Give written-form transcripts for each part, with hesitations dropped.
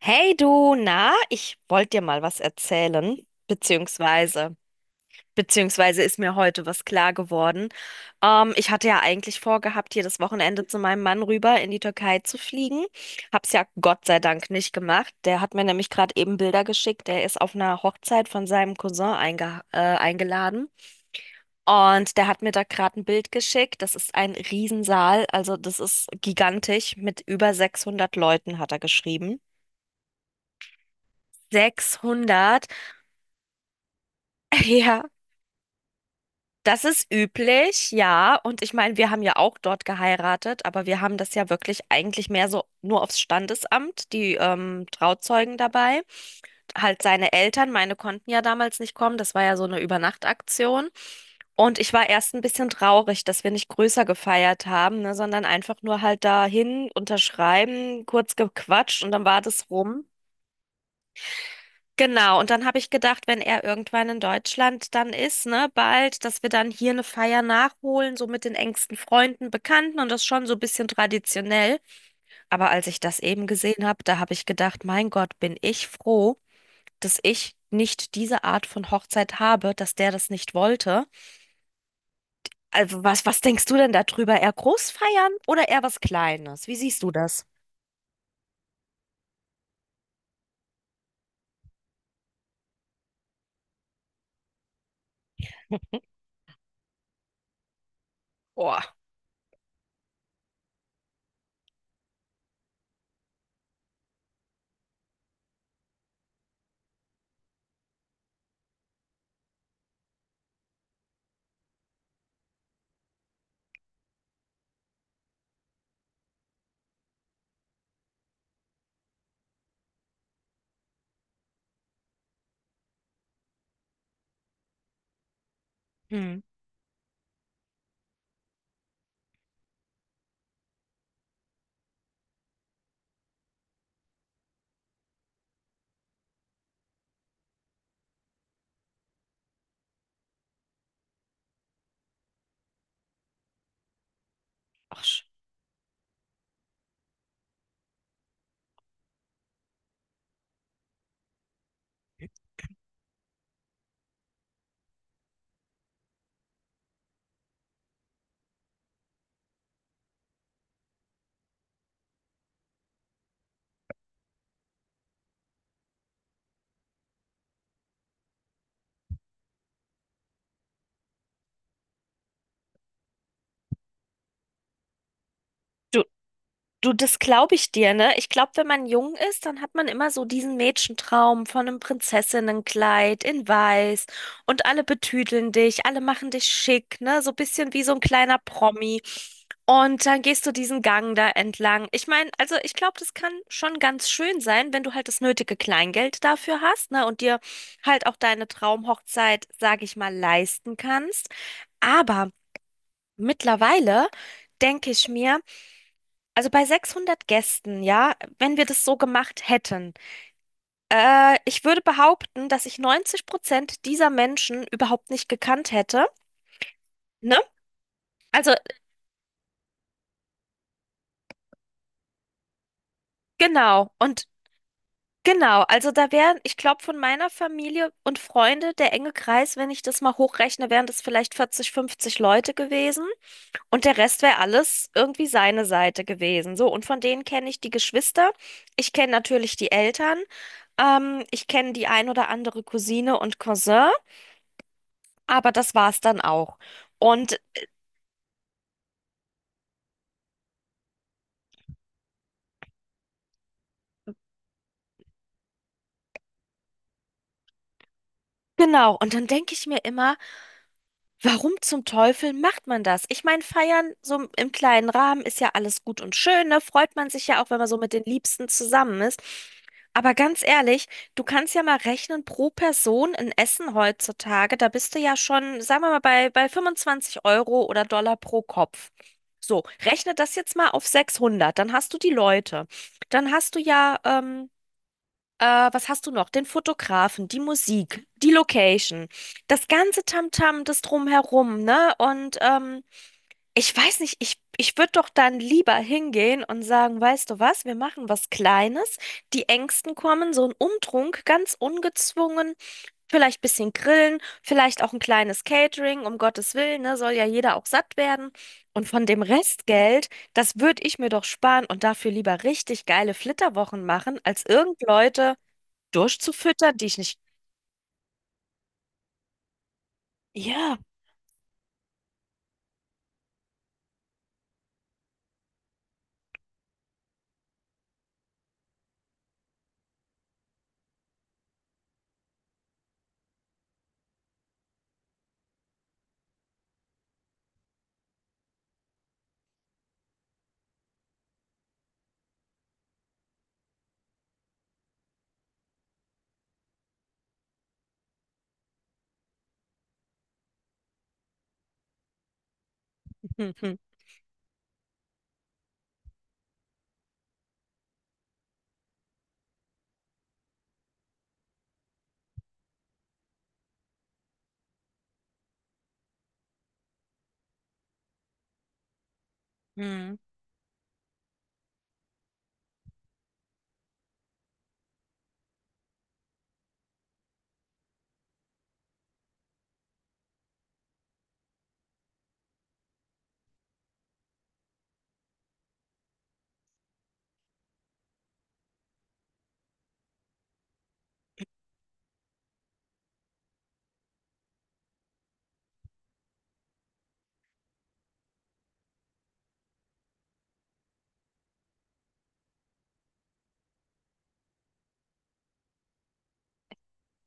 Hey du, na, ich wollte dir mal was erzählen, beziehungsweise, beziehungsweise, ist mir heute was klar geworden. Ich hatte ja eigentlich vorgehabt, hier das Wochenende zu meinem Mann rüber in die Türkei zu fliegen. Hab's ja Gott sei Dank nicht gemacht. Der hat mir nämlich gerade eben Bilder geschickt. Der ist auf einer Hochzeit von seinem Cousin eingeladen. Und der hat mir da gerade ein Bild geschickt. Das ist ein Riesensaal, also das ist gigantisch. Mit über 600 Leuten hat er geschrieben. 600. Ja, das ist üblich, ja. Und ich meine, wir haben ja auch dort geheiratet, aber wir haben das ja wirklich eigentlich mehr so nur aufs Standesamt, die Trauzeugen dabei. Halt seine Eltern, meine konnten ja damals nicht kommen, das war ja so eine Übernachtaktion. Und ich war erst ein bisschen traurig, dass wir nicht größer gefeiert haben, ne, sondern einfach nur halt dahin unterschreiben, kurz gequatscht und dann war das rum. Genau, und dann habe ich gedacht, wenn er irgendwann in Deutschland dann ist, ne, bald, dass wir dann hier eine Feier nachholen, so mit den engsten Freunden, Bekannten und das schon so ein bisschen traditionell. Aber als ich das eben gesehen habe, da habe ich gedacht, mein Gott, bin ich froh, dass ich nicht diese Art von Hochzeit habe, dass der das nicht wollte. Also was, was denkst du denn darüber? Eher groß feiern oder eher was Kleines? Wie siehst du das? Boah. Hm. Ach, sch- du, Du, das glaube ich dir, ne? Ich glaube, wenn man jung ist, dann hat man immer so diesen Mädchentraum von einem Prinzessinnenkleid in Weiß und alle betüdeln dich, alle machen dich schick, ne? So ein bisschen wie so ein kleiner Promi. Und dann gehst du diesen Gang da entlang. Ich meine, also ich glaube, das kann schon ganz schön sein, wenn du halt das nötige Kleingeld dafür hast, ne? Und dir halt auch deine Traumhochzeit, sage ich mal, leisten kannst. Aber mittlerweile denke ich mir, also bei 600 Gästen, ja, wenn wir das so gemacht hätten, ich würde behaupten, dass ich 90% dieser Menschen überhaupt nicht gekannt hätte, ne? Also genau und genau, also da wären, ich glaube, von meiner Familie und Freunde der enge Kreis, wenn ich das mal hochrechne, wären das vielleicht 40, 50 Leute gewesen und der Rest wäre alles irgendwie seine Seite gewesen. So, und von denen kenne ich die Geschwister, ich kenne natürlich die Eltern, ich kenne die ein oder andere Cousine und Cousin. Aber das war's dann auch. Und genau, und dann denke ich mir immer, warum zum Teufel macht man das? Ich meine, feiern so im kleinen Rahmen ist ja alles gut und schön, ne? Freut man sich ja auch, wenn man so mit den Liebsten zusammen ist. Aber ganz ehrlich, du kannst ja mal rechnen, pro Person in Essen heutzutage, da bist du ja schon, sagen wir mal, bei 25 Euro oder Dollar pro Kopf. So, rechne das jetzt mal auf 600, dann hast du die Leute. Dann hast du ja, was hast du noch? Den Fotografen, die Musik, die Location, das ganze Tamtam, das Drumherum, ne? Und ich weiß nicht, ich würde doch dann lieber hingehen und sagen, weißt du was, wir machen was Kleines, die Ängsten kommen, so ein Umtrunk, ganz ungezwungen, vielleicht ein bisschen grillen, vielleicht auch ein kleines Catering, um Gottes Willen, ne? Soll ja jeder auch satt werden. Und von dem Restgeld, das würde ich mir doch sparen und dafür lieber richtig geile Flitterwochen machen, als irgend Leute durchzufüttern, die ich nicht. Ja. Mhm.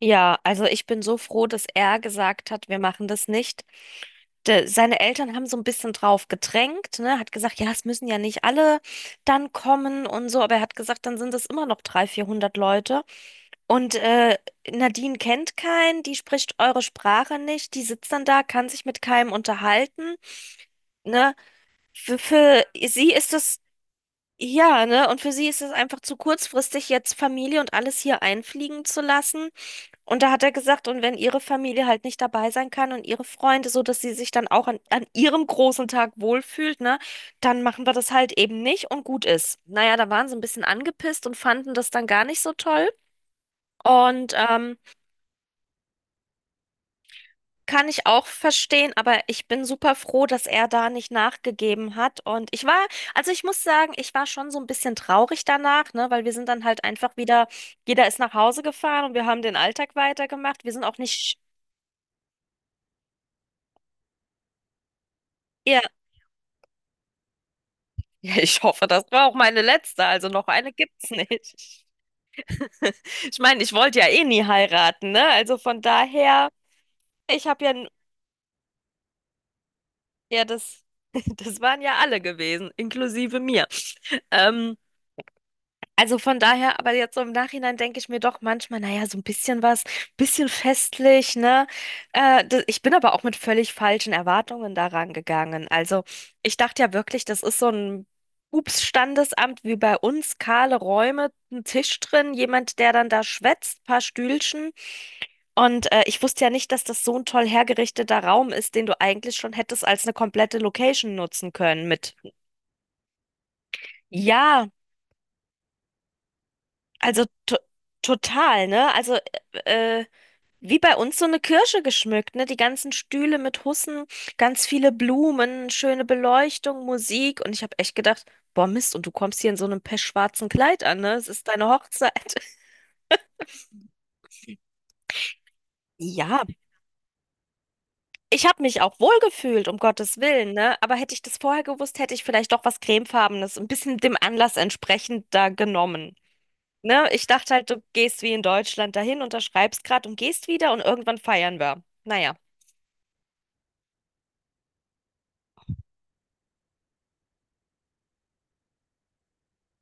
Ja, also ich bin so froh, dass er gesagt hat, wir machen das nicht. Seine Eltern haben so ein bisschen drauf gedrängt, ne, hat gesagt, ja, es müssen ja nicht alle dann kommen und so, aber er hat gesagt, dann sind es immer noch 300, 400 Leute. Und Nadine kennt keinen, die spricht eure Sprache nicht, die sitzt dann da, kann sich mit keinem unterhalten, ne. Für sie ist es Ja, ne? Und für sie ist es einfach zu kurzfristig, jetzt Familie und alles hier einfliegen zu lassen. Und da hat er gesagt, und wenn ihre Familie halt nicht dabei sein kann und ihre Freunde, so dass sie sich dann auch an ihrem großen Tag wohlfühlt, ne, dann machen wir das halt eben nicht und gut ist. Naja, da waren sie ein bisschen angepisst und fanden das dann gar nicht so toll. Und Kann ich auch verstehen, aber ich bin super froh, dass er da nicht nachgegeben hat. Und ich war, also ich muss sagen, ich war schon so ein bisschen traurig danach, ne, weil wir sind dann halt einfach wieder, jeder ist nach Hause gefahren und wir haben den Alltag weitergemacht. Wir sind auch nicht, ja, ja, ich hoffe, das war auch meine letzte, also noch eine gibt's nicht. Ich meine, ich wollte ja eh nie heiraten, ne? Also von daher, ich habe ja, n- ja, das waren ja alle gewesen, inklusive mir. Ähm, Also von daher, aber jetzt so im Nachhinein denke ich mir doch manchmal, naja, so ein bisschen was, bisschen festlich, ne? Ich bin aber auch mit völlig falschen Erwartungen daran gegangen. Also ich dachte ja wirklich, das ist so ein Ups-Standesamt wie bei uns, kahle Räume, ein Tisch drin, jemand, der dann da schwätzt, paar Stühlchen. Und ich wusste ja nicht, dass das so ein toll hergerichteter Raum ist, den du eigentlich schon hättest als eine komplette Location nutzen können mit. Ja, also to total, ne? Also. äh, äh, Wie bei uns so eine Kirche geschmückt, ne? Die ganzen Stühle mit Hussen, ganz viele Blumen, schöne Beleuchtung, Musik. Und ich habe echt gedacht, boah, Mist, und du kommst hier in so einem pechschwarzen Kleid an, ne? Es ist deine Hochzeit. Ja, ich habe mich auch wohlgefühlt, um Gottes Willen, ne? Aber hätte ich das vorher gewusst, hätte ich vielleicht doch was Cremefarbenes, ein bisschen dem Anlass entsprechend da genommen. Ne? Ich dachte halt, du gehst wie in Deutschland dahin, unterschreibst grad und gehst wieder und irgendwann feiern wir. Naja.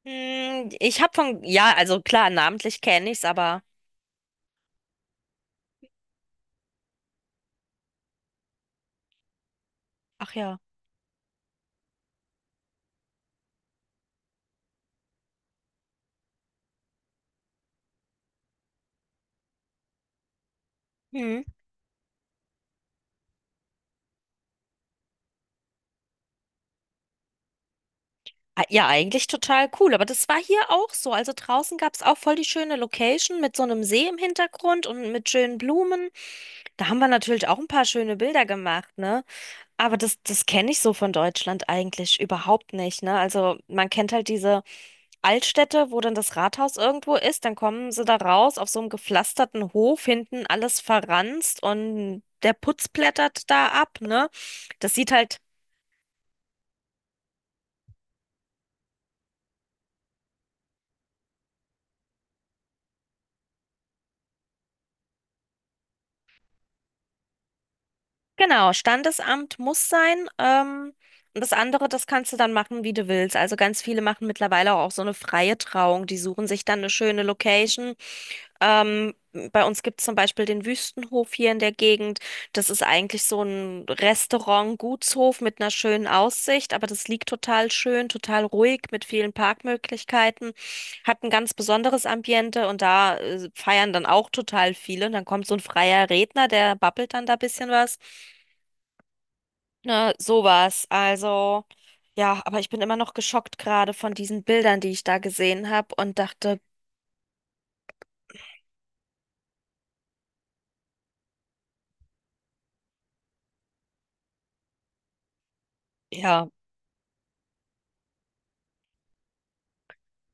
Hm, ich habe von, ja, also klar, namentlich kenne ich's, aber ach ja. Hm. Ah, ja, eigentlich total cool, aber das war hier auch so. Also draußen gab's auch voll die schöne Location mit so einem See im Hintergrund und mit schönen Blumen. Da haben wir natürlich auch ein paar schöne Bilder gemacht, ne? Aber das kenne ich so von Deutschland eigentlich überhaupt nicht, ne? Also man kennt halt diese Altstädte, wo dann das Rathaus irgendwo ist, dann kommen sie da raus auf so einem gepflasterten Hof, hinten alles verranzt und der Putz blättert da ab, ne? Das sieht halt, genau, Standesamt muss sein. Und das andere, das kannst du dann machen, wie du willst. Also ganz viele machen mittlerweile auch so eine freie Trauung. Die suchen sich dann eine schöne Location. Ähm, bei uns gibt es zum Beispiel den Wüstenhof hier in der Gegend. Das ist eigentlich so ein Restaurant, Gutshof mit einer schönen Aussicht, aber das liegt total schön, total ruhig mit vielen Parkmöglichkeiten, hat ein ganz besonderes Ambiente und da feiern dann auch total viele. Und dann kommt so ein freier Redner, der babbelt dann da ein bisschen was. Ne, sowas. Also, ja, aber ich bin immer noch geschockt gerade von diesen Bildern, die ich da gesehen habe und dachte, ja.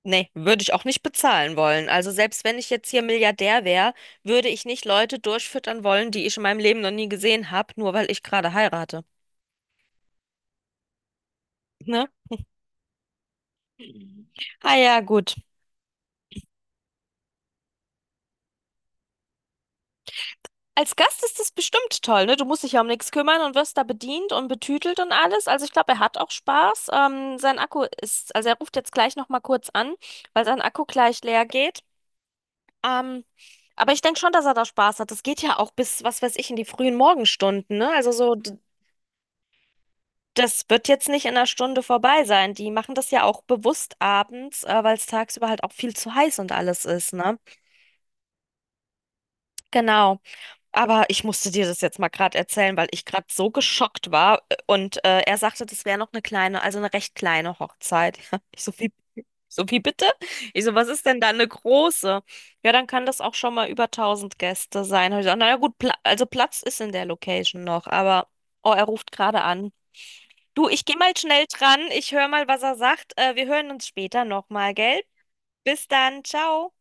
Nee, würde ich auch nicht bezahlen wollen. Also selbst wenn ich jetzt hier Milliardär wäre, würde ich nicht Leute durchfüttern wollen, die ich in meinem Leben noch nie gesehen habe, nur weil ich gerade heirate. Ne? Mhm. Ah ja, gut. Als Gast ist das bestimmt toll, ne? Du musst dich ja um nichts kümmern und wirst da bedient und betütelt und alles. Also ich glaube, er hat auch Spaß. Sein Akku ist, also er ruft jetzt gleich nochmal kurz an, weil sein Akku gleich leer geht. Ähm, aber ich denke schon, dass er da Spaß hat. Das geht ja auch bis, was weiß ich, in die frühen Morgenstunden, ne? Also so das wird jetzt nicht in einer Stunde vorbei sein. Die machen das ja auch bewusst abends, weil es tagsüber halt auch viel zu heiß und alles ist, ne? Genau. Aber ich musste dir das jetzt mal gerade erzählen, weil ich gerade so geschockt war. Und er sagte, das wäre noch eine kleine, also eine recht kleine Hochzeit. Ich so wie bitte? Ich so, was ist denn da eine große? Ja, dann kann das auch schon mal über 1000 Gäste sein. Hab Ich so, naja, gut, Pla also Platz ist in der Location noch, aber oh, er ruft gerade an. Du, ich gehe mal schnell dran. Ich höre mal, was er sagt. Wir hören uns später nochmal, gell? Bis dann. Ciao.